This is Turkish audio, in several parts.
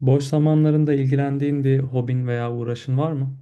Boş zamanlarında ilgilendiğin bir hobin veya uğraşın var mı?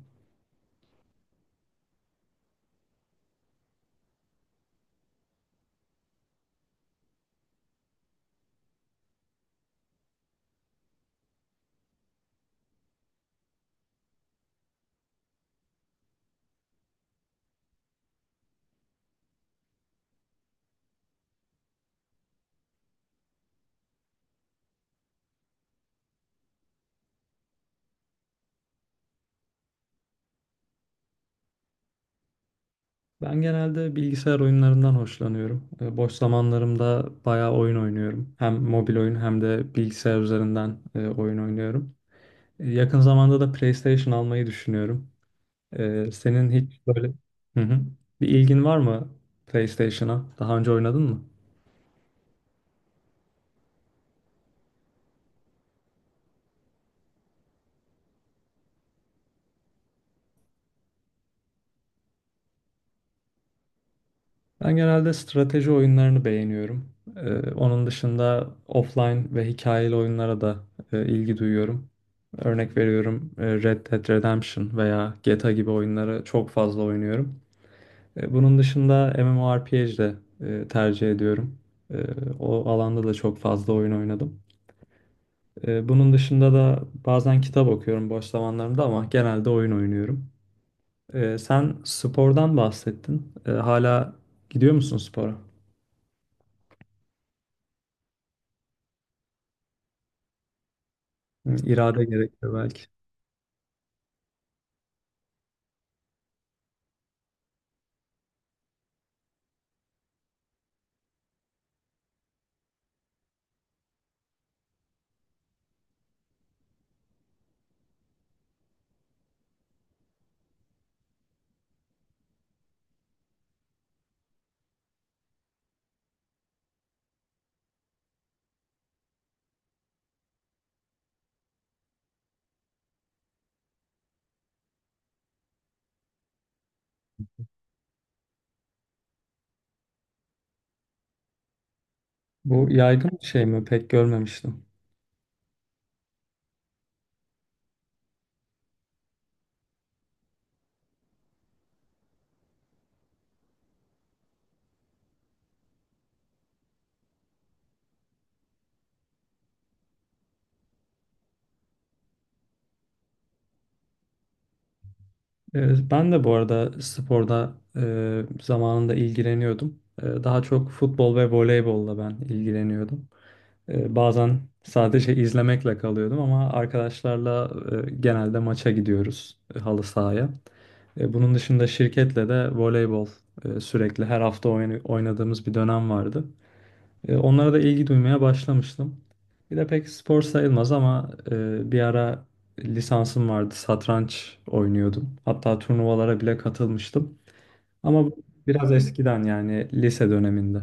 Ben genelde bilgisayar oyunlarından hoşlanıyorum. Boş zamanlarımda bayağı oyun oynuyorum. Hem mobil oyun hem de bilgisayar üzerinden oyun oynuyorum. Yakın zamanda da PlayStation almayı düşünüyorum. Senin hiç böyle, hı hı, bir ilgin var mı PlayStation'a? Daha önce oynadın mı? Ben genelde strateji oyunlarını beğeniyorum. Onun dışında offline ve hikayeli oyunlara da ilgi duyuyorum. Örnek veriyorum Red Dead Redemption veya GTA gibi oyunları çok fazla oynuyorum. Bunun dışında MMORPG de tercih ediyorum. E, O alanda da çok fazla oyun oynadım. Bunun dışında da bazen kitap okuyorum boş zamanlarımda ama genelde oyun oynuyorum. Sen spordan bahsettin. Hala gidiyor musun spora? Hı. İrade gerekiyor belki. Bu yaygın bir şey mi? Pek görmemiştim. Ben de bu arada sporda zamanında ilgileniyordum. Daha çok futbol ve voleybolla ben ilgileniyordum. Bazen sadece izlemekle kalıyordum ama arkadaşlarla genelde maça gidiyoruz, halı sahaya. Bunun dışında şirketle de voleybol sürekli her hafta oynadığımız bir dönem vardı. Onlara da ilgi duymaya başlamıştım. Bir de pek spor sayılmaz ama bir ara lisansım vardı. Satranç oynuyordum. Hatta turnuvalara bile katılmıştım. Ama bu biraz eskiden, yani lise döneminde.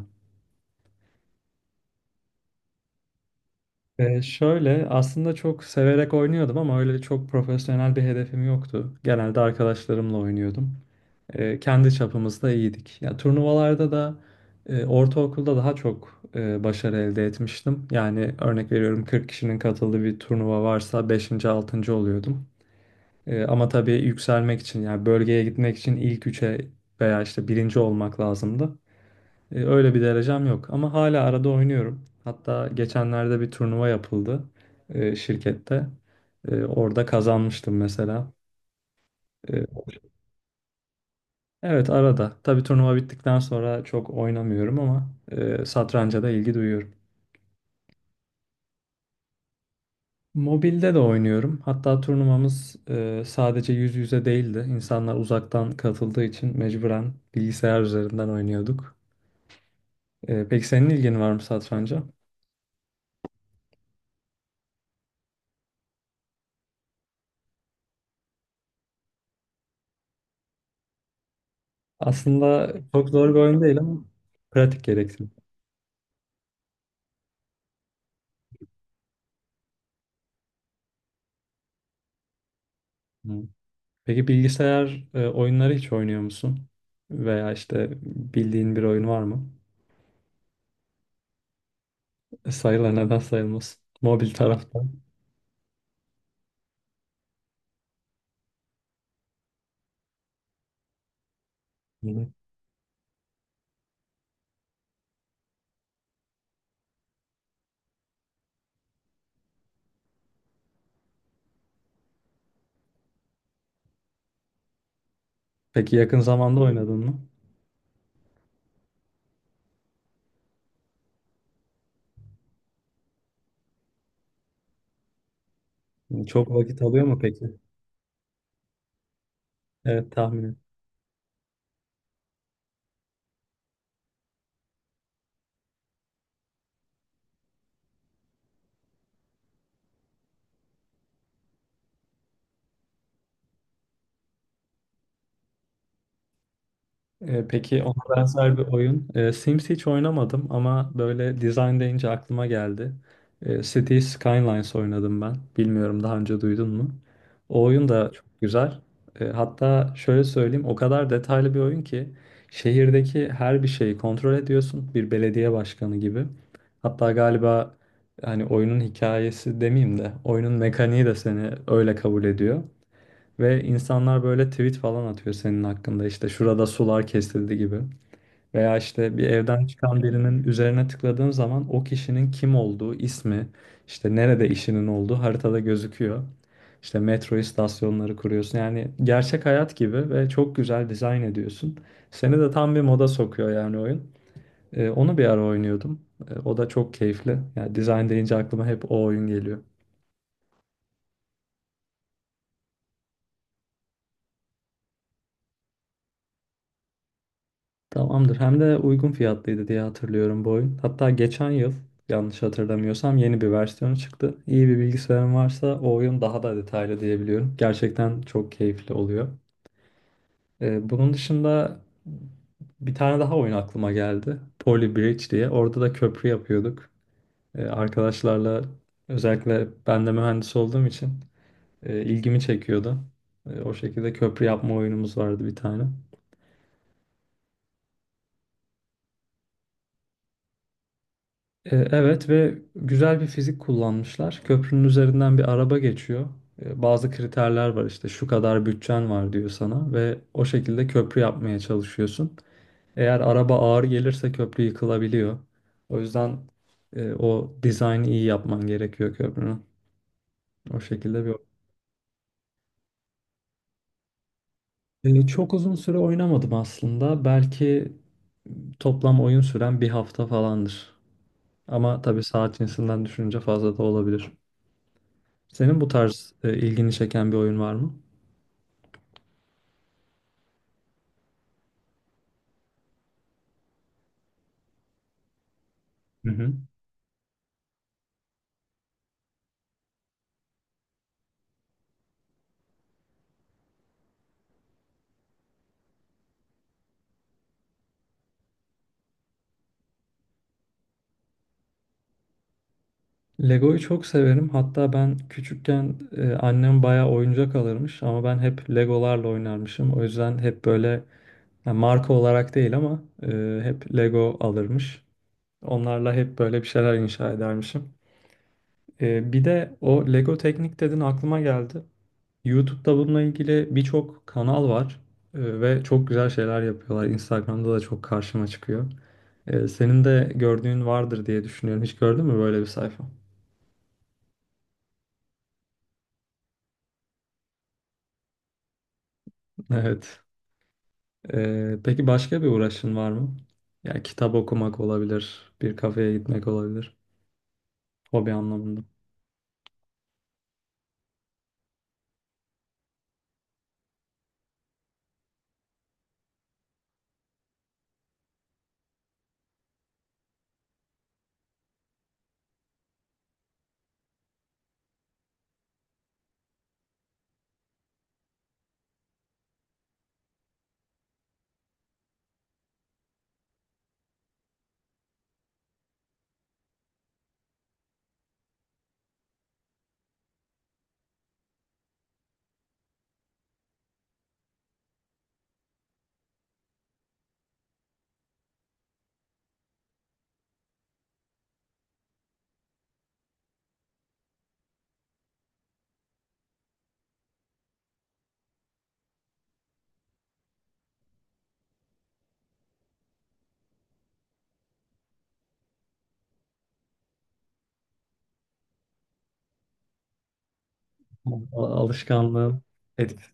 Şöyle, aslında çok severek oynuyordum ama öyle çok profesyonel bir hedefim yoktu. Genelde arkadaşlarımla oynuyordum. Kendi çapımızda iyiydik. Ya turnuvalarda da ortaokulda daha çok başarı elde etmiştim. Yani örnek veriyorum, 40 kişinin katıldığı bir turnuva varsa beşinci, 6. oluyordum. Ama tabii yükselmek için, yani bölgeye gitmek için ilk üçe veya işte birinci olmak lazımdı. Öyle bir derecem yok ama hala arada oynuyorum. Hatta geçenlerde bir turnuva yapıldı şirkette. Orada kazanmıştım mesela. Evet, arada. Tabii turnuva bittikten sonra çok oynamıyorum ama satranca da ilgi duyuyorum. Mobilde de oynuyorum. Hatta turnuvamız sadece yüz yüze değildi. İnsanlar uzaktan katıldığı için mecburen bilgisayar üzerinden oynuyorduk. Peki senin ilgin var mı satranca? Aslında çok zor bir oyun değil ama pratik gerektiriyor. Hı. Peki bilgisayar oyunları hiç oynuyor musun? Veya işte bildiğin bir oyun var mı? Sayılır, neden sayılmaz? Mobil tarafta. Peki yakın zamanda oynadın mı? Çok vakit alıyor mu peki? Evet, tahmin peki ona benzer bir oyun. Sims hiç oynamadım ama böyle design deyince aklıma geldi. City Skylines oynadım ben. Bilmiyorum, daha önce duydun mu? O oyun da çok güzel. Hatta şöyle söyleyeyim, o kadar detaylı bir oyun ki şehirdeki her bir şeyi kontrol ediyorsun, bir belediye başkanı gibi. Hatta galiba, hani oyunun hikayesi demeyeyim de, oyunun mekaniği de seni öyle kabul ediyor. Ve insanlar böyle tweet falan atıyor senin hakkında, işte şurada sular kesildi gibi. Veya işte bir evden çıkan birinin üzerine tıkladığın zaman o kişinin kim olduğu, ismi, işte nerede işinin olduğu haritada gözüküyor. İşte metro istasyonları kuruyorsun. Yani gerçek hayat gibi ve çok güzel dizayn ediyorsun. Seni de tam bir moda sokuyor yani oyun. Onu bir ara oynuyordum. O da çok keyifli. Yani dizayn deyince aklıma hep o oyun geliyor. Tamamdır. Hem de uygun fiyatlıydı diye hatırlıyorum bu oyun. Hatta geçen yıl, yanlış hatırlamıyorsam, yeni bir versiyonu çıktı. İyi bir bilgisayarın varsa o oyun daha da detaylı diyebiliyorum. Gerçekten çok keyifli oluyor. Bunun dışında bir tane daha oyun aklıma geldi. Poly Bridge diye. Orada da köprü yapıyorduk. Arkadaşlarla, özellikle ben de mühendis olduğum için ilgimi çekiyordu. O şekilde köprü yapma oyunumuz vardı bir tane. Evet, ve güzel bir fizik kullanmışlar. Köprünün üzerinden bir araba geçiyor. Bazı kriterler var, işte şu kadar bütçen var diyor sana ve o şekilde köprü yapmaya çalışıyorsun. Eğer araba ağır gelirse köprü yıkılabiliyor. O yüzden o dizaynı iyi yapman gerekiyor köprünün. O şekilde bir... Çok uzun süre oynamadım aslında. Belki toplam oyun süren bir hafta falandır. Ama tabii saat cinsinden düşününce fazla da olabilir. Senin bu tarz ilgini çeken bir oyun var mı? Hı hı. Lego'yu çok severim. Hatta ben küçükken annem bayağı oyuncak alırmış ama ben hep Legolarla oynarmışım. O yüzden hep böyle, yani marka olarak değil ama hep Lego alırmış. Onlarla hep böyle bir şeyler inşa edermişim. Bir de o Lego teknik dedin, aklıma geldi. YouTube'da bununla ilgili birçok kanal var ve çok güzel şeyler yapıyorlar. Instagram'da da çok karşıma çıkıyor. Senin de gördüğün vardır diye düşünüyorum. Hiç gördün mü böyle bir sayfa? Evet. Peki başka bir uğraşın var mı? Ya kitap okumak olabilir, bir kafeye gitmek olabilir, hobi anlamında. Al- Alışkanlığın etkisi